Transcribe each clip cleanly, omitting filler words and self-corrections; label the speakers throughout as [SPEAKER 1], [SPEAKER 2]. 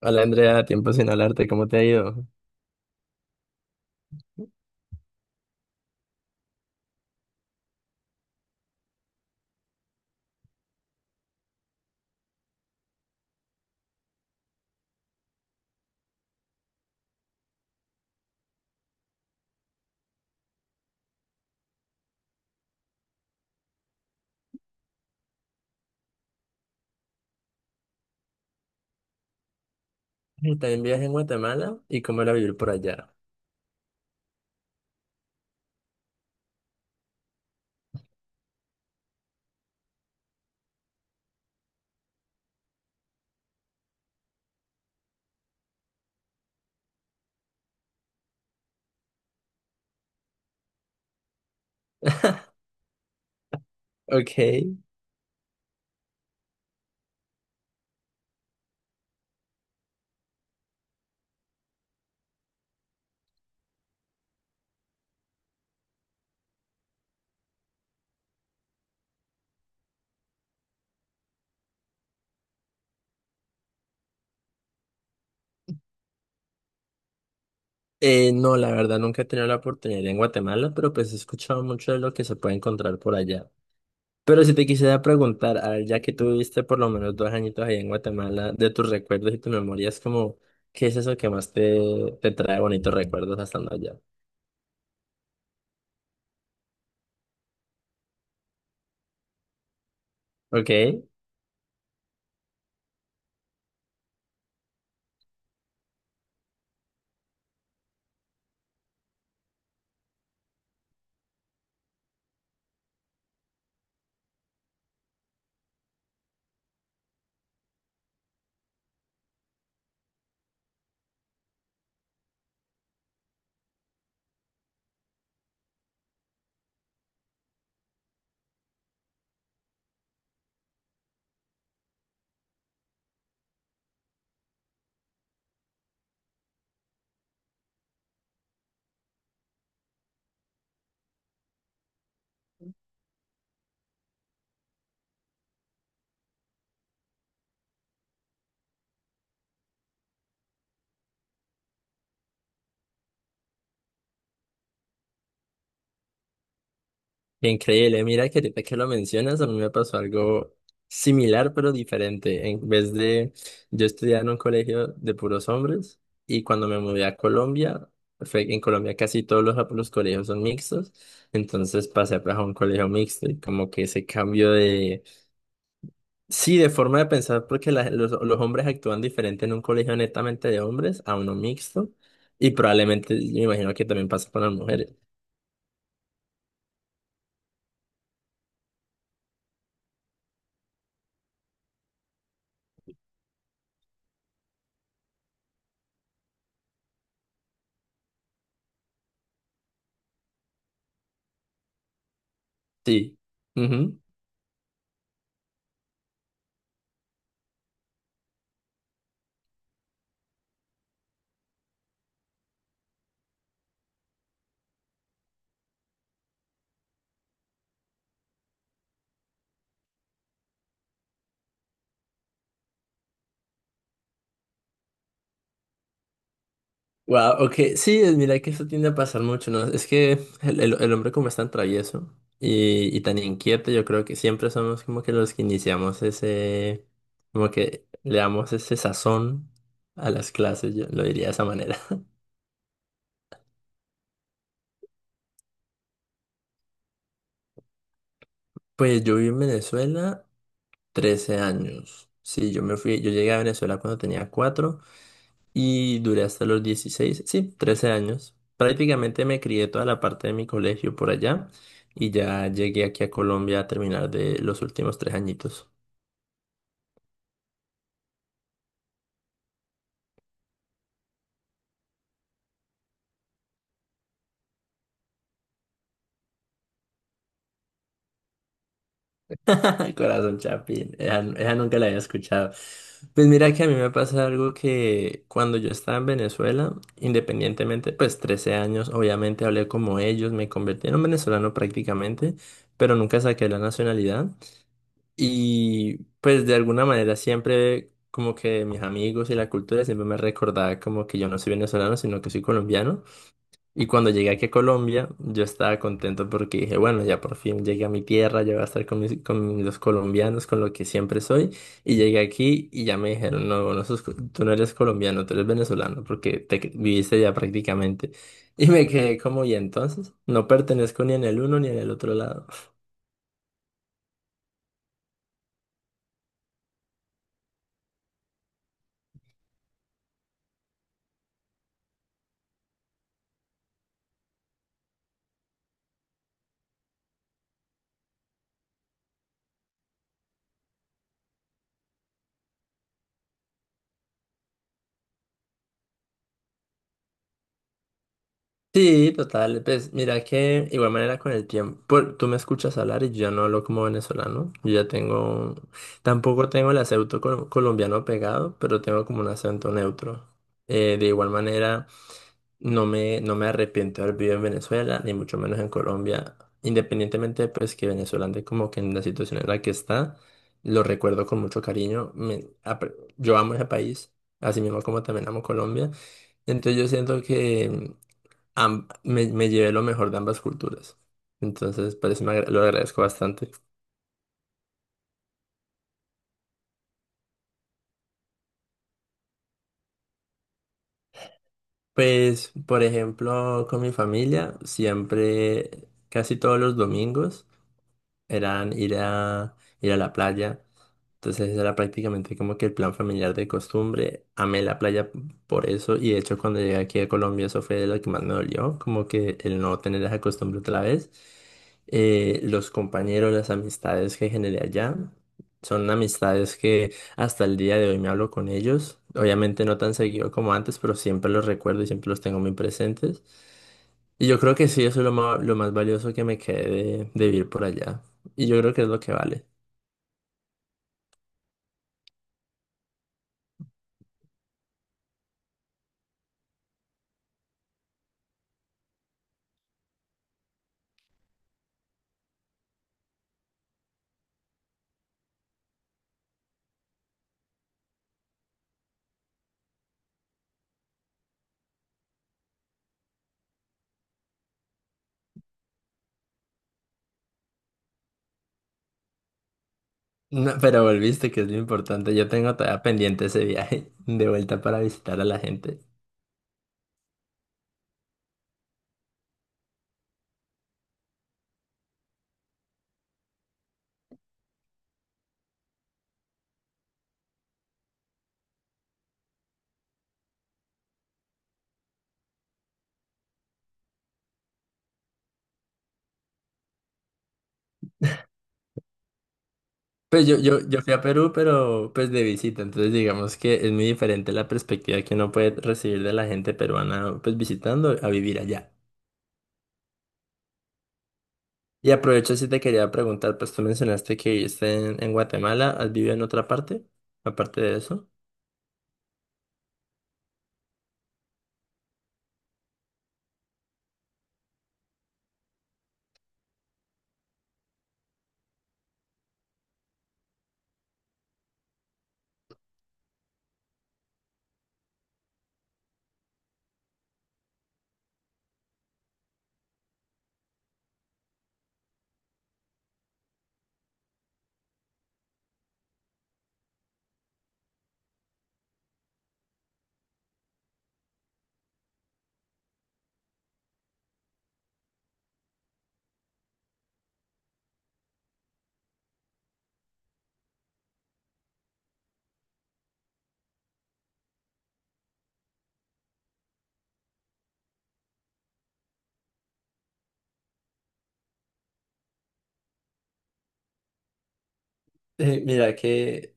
[SPEAKER 1] Hola Andrea, tiempo sin hablarte, ¿cómo te ha ido? Y también viajé en Guatemala y cómo era vivir por allá. Ok. No, la verdad nunca he tenido la oportunidad de ir en Guatemala, pero pues he escuchado mucho de lo que se puede encontrar por allá. Pero si te quisiera preguntar, a ver, ya que tuviste por lo menos dos añitos ahí en Guatemala, de tus recuerdos y tus memorias, como, ¿qué es eso que más te trae bonitos recuerdos estando allá? Ok, increíble. Mira que ahorita que lo mencionas, a mí me pasó algo similar pero diferente. En vez de yo estudiar en un colegio de puros hombres y cuando me mudé a Colombia, en Colombia casi todos los colegios son mixtos, entonces pasé pues, a un colegio mixto y como que ese cambio de sí, de forma de pensar, porque los hombres actúan diferente en un colegio netamente de hombres a uno mixto, y probablemente me imagino que también pasa con las mujeres. Sí. Ujú. Wow, ok. Sí, mira que eso tiende a pasar mucho, ¿no? Es que el hombre como es tan travieso y tan inquieto, yo creo que siempre somos como que los que iniciamos ese, como que le damos ese sazón a las clases, yo lo diría de esa manera. Pues yo viví en Venezuela 13 años. Sí, yo me fui, yo llegué a Venezuela cuando tenía 4 y duré hasta los 16 sí, 13 años. Prácticamente me crié toda la parte de mi colegio por allá y ya llegué aquí a Colombia a terminar de los últimos tres añitos. Corazón Chapín, esa nunca la había escuchado. Pues mira que a mí me pasa algo que cuando yo estaba en Venezuela, independientemente, pues 13 años, obviamente hablé como ellos, me convertí en un venezolano prácticamente, pero nunca saqué la nacionalidad. Y pues de alguna manera siempre como que mis amigos y la cultura siempre me recordaba como que yo no soy venezolano, sino que soy colombiano. Y cuando llegué aquí a Colombia, yo estaba contento porque dije, bueno, ya por fin llegué a mi tierra, ya voy a estar con mis, con los colombianos, con lo que siempre soy. Y llegué aquí y ya me dijeron, no, tú no eres colombiano, tú eres venezolano porque viviste ya prácticamente. Y me quedé como, y entonces, no pertenezco ni en el uno ni en el otro lado. Sí, total. Pues mira que igual manera con el tiempo, tú me escuchas hablar y yo ya no hablo como venezolano. Yo ya tengo, tampoco tengo el acento colombiano pegado, pero tengo como un acento neutro. De igual manera, no me arrepiento de haber vivido en Venezuela, ni mucho menos en Colombia. Independientemente, pues que Venezuela ande como que en la situación en la que está, lo recuerdo con mucho cariño. Yo amo ese país, así mismo como también amo Colombia. Entonces yo siento que me llevé lo mejor de ambas culturas. Entonces, por eso lo agradezco bastante. Pues, por ejemplo, con mi familia, siempre, casi todos los domingos, eran ir a la playa. Entonces ese era prácticamente como que el plan familiar de costumbre. Amé la playa por eso y de hecho cuando llegué aquí a Colombia eso fue de lo que más me dolió, como que el no tener esa costumbre otra vez. Los compañeros, las amistades que generé allá son amistades que hasta el día de hoy me hablo con ellos. Obviamente no tan seguido como antes, pero siempre los recuerdo y siempre los tengo muy presentes. Y yo creo que sí, eso es lo más valioso que me quedé de vivir por allá. Y yo creo que es lo que vale. No, pero volviste, que es lo importante. Yo tengo todavía pendiente ese viaje de vuelta para visitar a la gente. Pues yo fui a Perú, pero pues de visita. Entonces digamos que es muy diferente la perspectiva que uno puede recibir de la gente peruana, pues visitando a vivir allá. Y aprovecho si te quería preguntar, pues tú mencionaste que viviste en Guatemala, ¿has vivido en otra parte? Aparte de eso. Mira que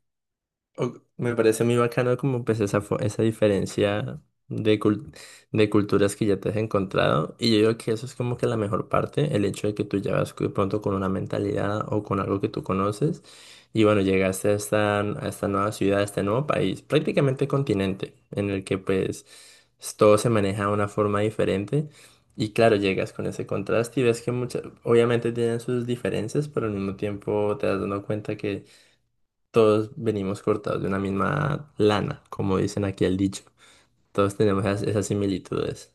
[SPEAKER 1] Me parece muy bacano como pues esa diferencia de, cul- de culturas que ya te has encontrado y yo digo que eso es como que la mejor parte, el hecho de que tú ya vas de pronto con una mentalidad o con algo que tú conoces y bueno, llegaste a a esta nueva ciudad, a este nuevo país, prácticamente continente en el que pues todo se maneja de una forma diferente y claro, llegas con ese contraste y ves que muchas, obviamente tienen sus diferencias, pero al mismo tiempo te das dando cuenta que todos venimos cortados de una misma lana, como dicen aquí el dicho. Todos tenemos esas similitudes.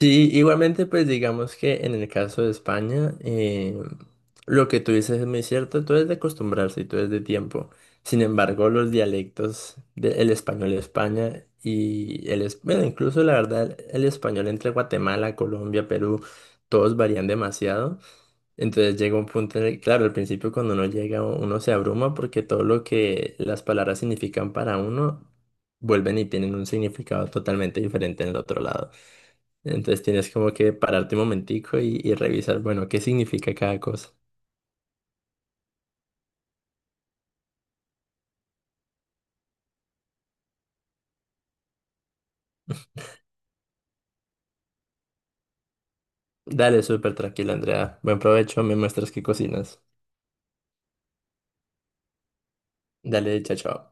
[SPEAKER 1] Sí, igualmente, pues digamos que en el caso de España, lo que tú dices es muy cierto, todo es de acostumbrarse y todo es de tiempo. Sin embargo, los dialectos del español de España y bueno, incluso la verdad, el español entre Guatemala, Colombia, Perú, todos varían demasiado. Entonces llega un punto en el, claro, al principio cuando uno llega, uno se abruma porque todo lo que las palabras significan para uno vuelven y tienen un significado totalmente diferente en el otro lado. Entonces tienes como que pararte un momentico y revisar, bueno, qué significa cada cosa. Dale, súper tranquila, Andrea. Buen provecho, me muestras qué cocinas. Dale, chao, chao.